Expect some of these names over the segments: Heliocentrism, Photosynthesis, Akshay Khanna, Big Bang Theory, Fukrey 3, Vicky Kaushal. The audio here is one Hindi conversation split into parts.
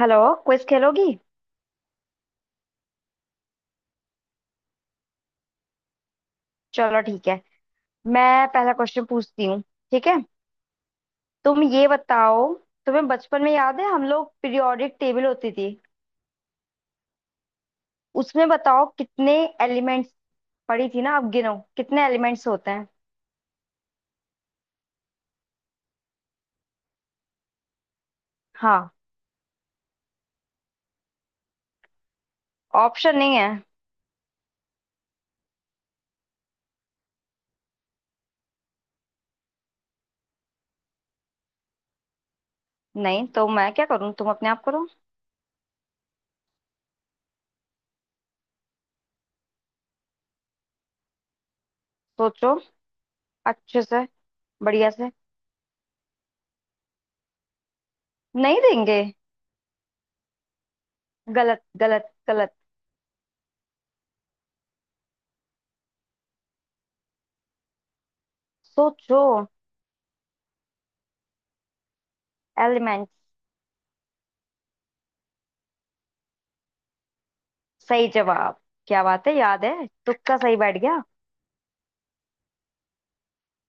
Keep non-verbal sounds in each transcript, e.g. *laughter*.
हेलो। क्विज खेलोगी? चलो, ठीक है। मैं पहला क्वेश्चन पूछती हूँ। ठीक है। तुम ये बताओ, तुम्हें बचपन में याद है हम लोग पीरियोडिक टेबल होती थी, उसमें बताओ कितने एलिमेंट्स पड़ी थी ना, अब गिनो कितने एलिमेंट्स होते हैं। हाँ। ऑप्शन नहीं है। नहीं तो मैं क्या करूँ, तुम अपने आप करो। सोचो अच्छे से, बढ़िया से। नहीं देंगे। गलत गलत गलत। सोचो। एलिमेंट्स। सही जवाब। क्या बात है, याद है, तुक्का सही बैठ गया।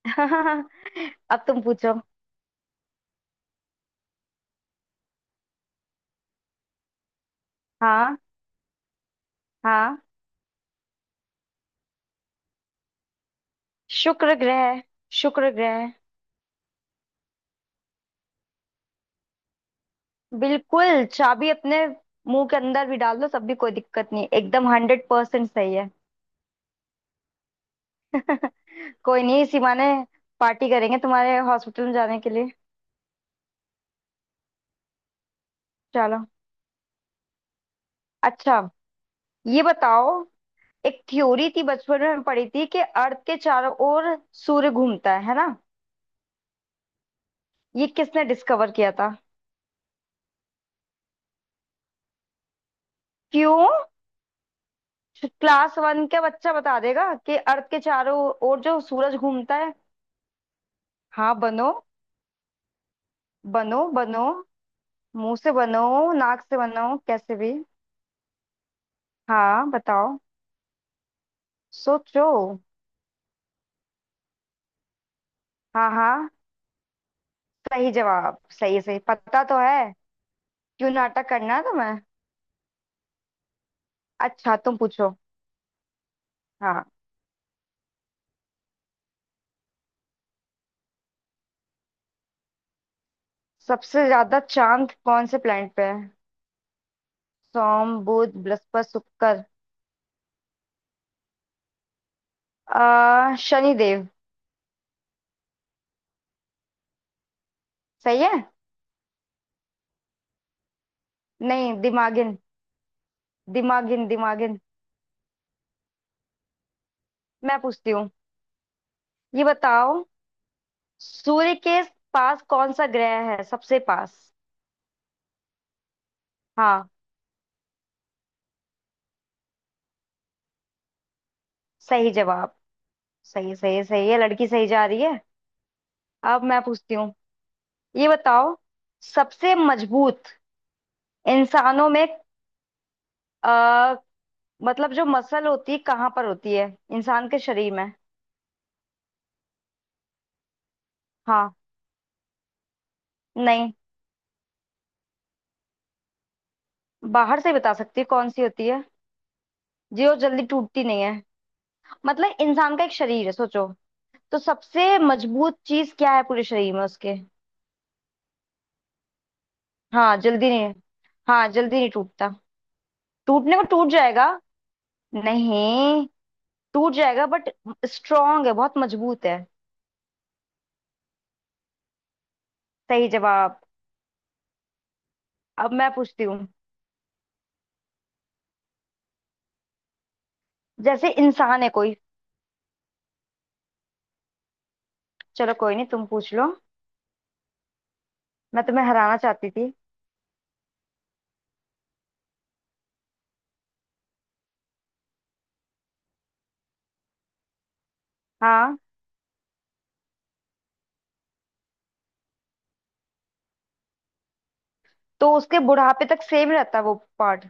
*laughs* अब तुम पूछो। हाँ हाँ। शुक्र ग्रह। शुक्र ग्रह। बिल्कुल, चाबी अपने मुंह के अंदर भी डाल दो सब भी, कोई दिक्कत नहीं, एकदम 100% सही है। *laughs* कोई नहीं, इसी बहाने पार्टी करेंगे तुम्हारे हॉस्पिटल में जाने के लिए। चलो। अच्छा, ये बताओ, एक थ्योरी थी बचपन में पढ़ी थी कि अर्थ के चारों ओर सूर्य घूमता है ना। ये किसने डिस्कवर किया था? क्यों, क्लास वन का बच्चा बता देगा कि अर्थ के चारों ओर जो सूरज घूमता है। हाँ बनो बनो बनो। मुंह से बनो, नाक से बनो, कैसे भी। हाँ बताओ। सोचो। हाँ हाँ, सही जवाब, सही सही पता तो है। क्यों नाटक करना है तुम्हें। अच्छा तुम पूछो। हाँ। सबसे ज्यादा चांद कौन से प्लेनेट पे है? सोम बुध बृहस्पति शुक्र। आ शनि देव। सही है। नहीं, दिमागिन दिमागिन दिमागिन। मैं पूछती हूँ। ये बताओ, सूर्य के पास कौन सा ग्रह है, सबसे पास। हाँ। सही जवाब। सही सही सही है, लड़की सही जा रही है। अब मैं पूछती हूँ। ये बताओ, सबसे मजबूत इंसानों में, आ, मतलब जो मसल होती है कहाँ पर होती है इंसान के शरीर में। हाँ। नहीं, बाहर से बता सकती है कौन सी होती है, जो जल्दी टूटती नहीं है। मतलब इंसान का एक शरीर है, सोचो। तो सबसे मजबूत चीज क्या है पूरे शरीर में उसके। हाँ जल्दी नहीं, हाँ जल्दी नहीं टूटता। टूटने को टूट जाएगा। नहीं। टूट जाएगा, बट स्ट्रांग है, बहुत मजबूत है। सही जवाब। अब मैं पूछती हूँ। जैसे इंसान है कोई। चलो, कोई नहीं, तुम पूछ लो। मैं तुम्हें हराना चाहती थी। हाँ। तो उसके बुढ़ापे तक सेम रहता है वो पार्ट।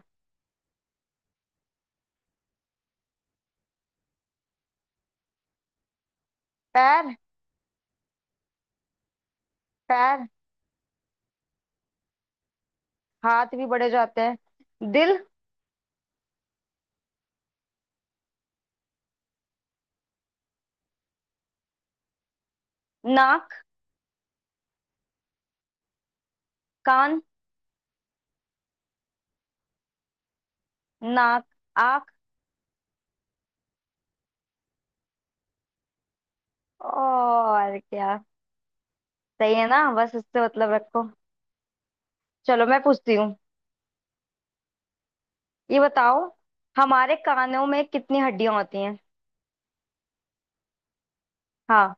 पैर। पैर, हाथ भी बढ़े जाते हैं, दिल। नाक। कान। नाक। आंख। और क्या? सही है ना, बस इससे मतलब रखो। चलो, मैं पूछती हूँ। ये बताओ, हमारे कानों में कितनी हड्डियां होती हैं। हाँ।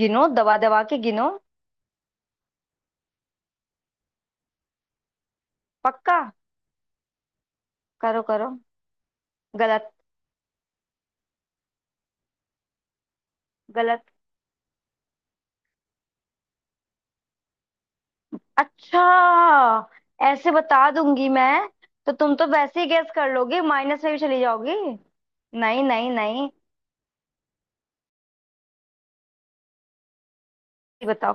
गिनो, दबा दबा के गिनो। पक्का। करो करो। गलत। गलत। अच्छा। ऐसे बता दूंगी मैं, तो तुम तो वैसे ही गैस कर लोगे, माइनस में भी चली जाओगी। नहीं नहीं नहीं। ये बताओ।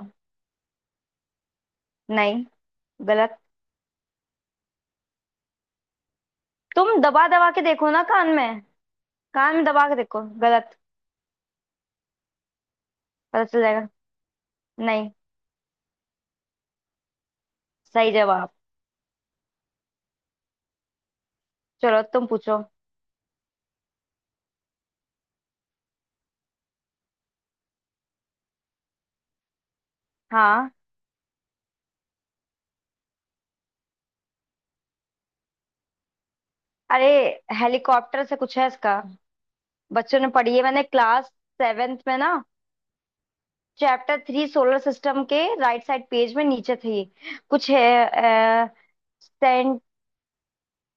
नहीं। गलत। तुम दबा दबा के देखो ना कान में, कान में दबा के देखो। गलत। पता चल जाएगा। नहीं। सही जवाब। चलो तुम पूछो। हाँ। अरे, हेलीकॉप्टर से कुछ है इसका। बच्चों ने पढ़ी है, मैंने क्लास सेवेंथ में ना, चैप्टर थ्री सोलर सिस्टम के राइट साइड पेज में नीचे थी, कुछ है। अ, सेंट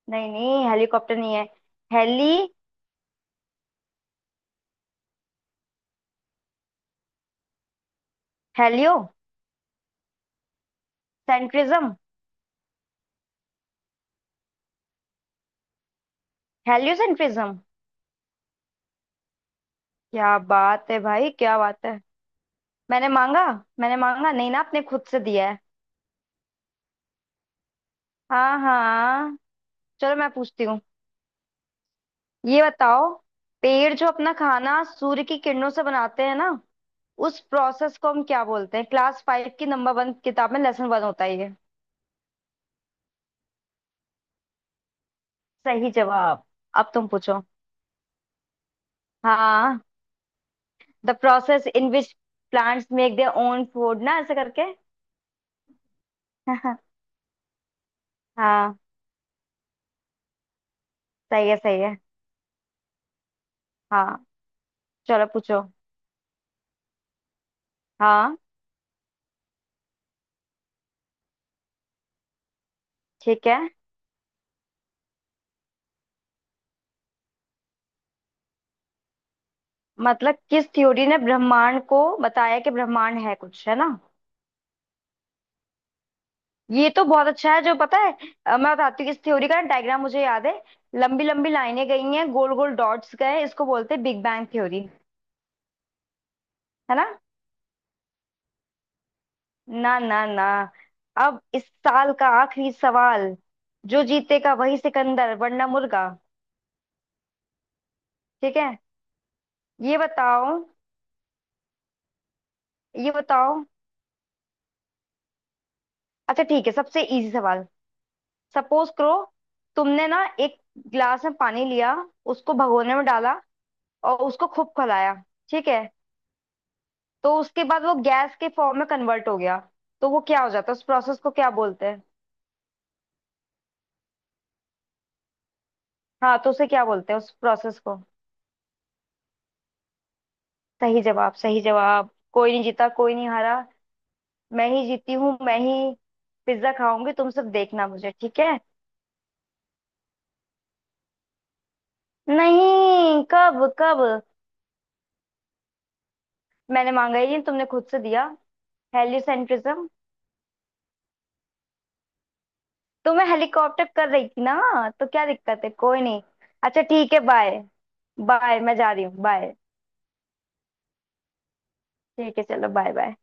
नहीं नहीं, हेलीकॉप्टर नहीं है। Heli heliocentrism. हेलियोसेंट्रिज्म। क्या बात है भाई, क्या बात है। मैंने मांगा? मैंने मांगा नहीं ना, आपने खुद से दिया है। हाँ हाँ। चलो मैं पूछती हूँ। ये बताओ, पेड़ जो अपना खाना सूर्य की किरणों से बनाते हैं ना, उस प्रोसेस को हम क्या बोलते हैं। क्लास फाइव की नंबर वन किताब में लेसन वन होता है ये। सही जवाब। अब तुम पूछो। हाँ। The process in which plants make their own food, ना ऐसे करके। *laughs* हाँ, सही है, सही है। हाँ। चलो पूछो। हाँ, ठीक है। मतलब किस थ्योरी ने ब्रह्मांड को बताया कि ब्रह्मांड है, कुछ है ना। ये तो बहुत अच्छा है जो पता है। मैं बताती हूँ, इस थ्योरी का डायग्राम मुझे याद है। लंबी लंबी लाइनें गई हैं, गोल गोल डॉट्स गए, इसको बोलते हैं बिग बैंग थ्योरी, है ना। ना ना ना अब इस साल का आखिरी सवाल। जो जीतेगा वही सिकंदर, वरना मुर्गा। ठीक है। ये बताओ। ये बताओ। अच्छा ठीक है, सबसे इजी सवाल। सपोज करो, तुमने ना एक गिलास में पानी लिया, उसको भगोने में डाला, और उसको खूब खौलाया। ठीक है, तो उसके बाद वो गैस के फॉर्म में कन्वर्ट हो गया, तो वो क्या हो जाता है, उस प्रोसेस को क्या बोलते हैं। हाँ, तो उसे क्या बोलते हैं उस प्रोसेस को। सही जवाब, सही जवाब। कोई नहीं जीता, कोई नहीं हारा। मैं ही जीती हूँ, मैं ही। पिज्जा खाऊंगी, तुम सब देखना मुझे, ठीक है। नहीं, कब कब? मैंने मांगा ही नहीं, तुमने खुद से दिया। हेलिसेंट्रिज्म। तो मैं हेलीकॉप्टर कर रही थी ना, तो क्या दिक्कत है, कोई नहीं। अच्छा ठीक है, बाय। बाय, मैं जा रही हूँ, बाय। ठीक है, चलो बाय बाय।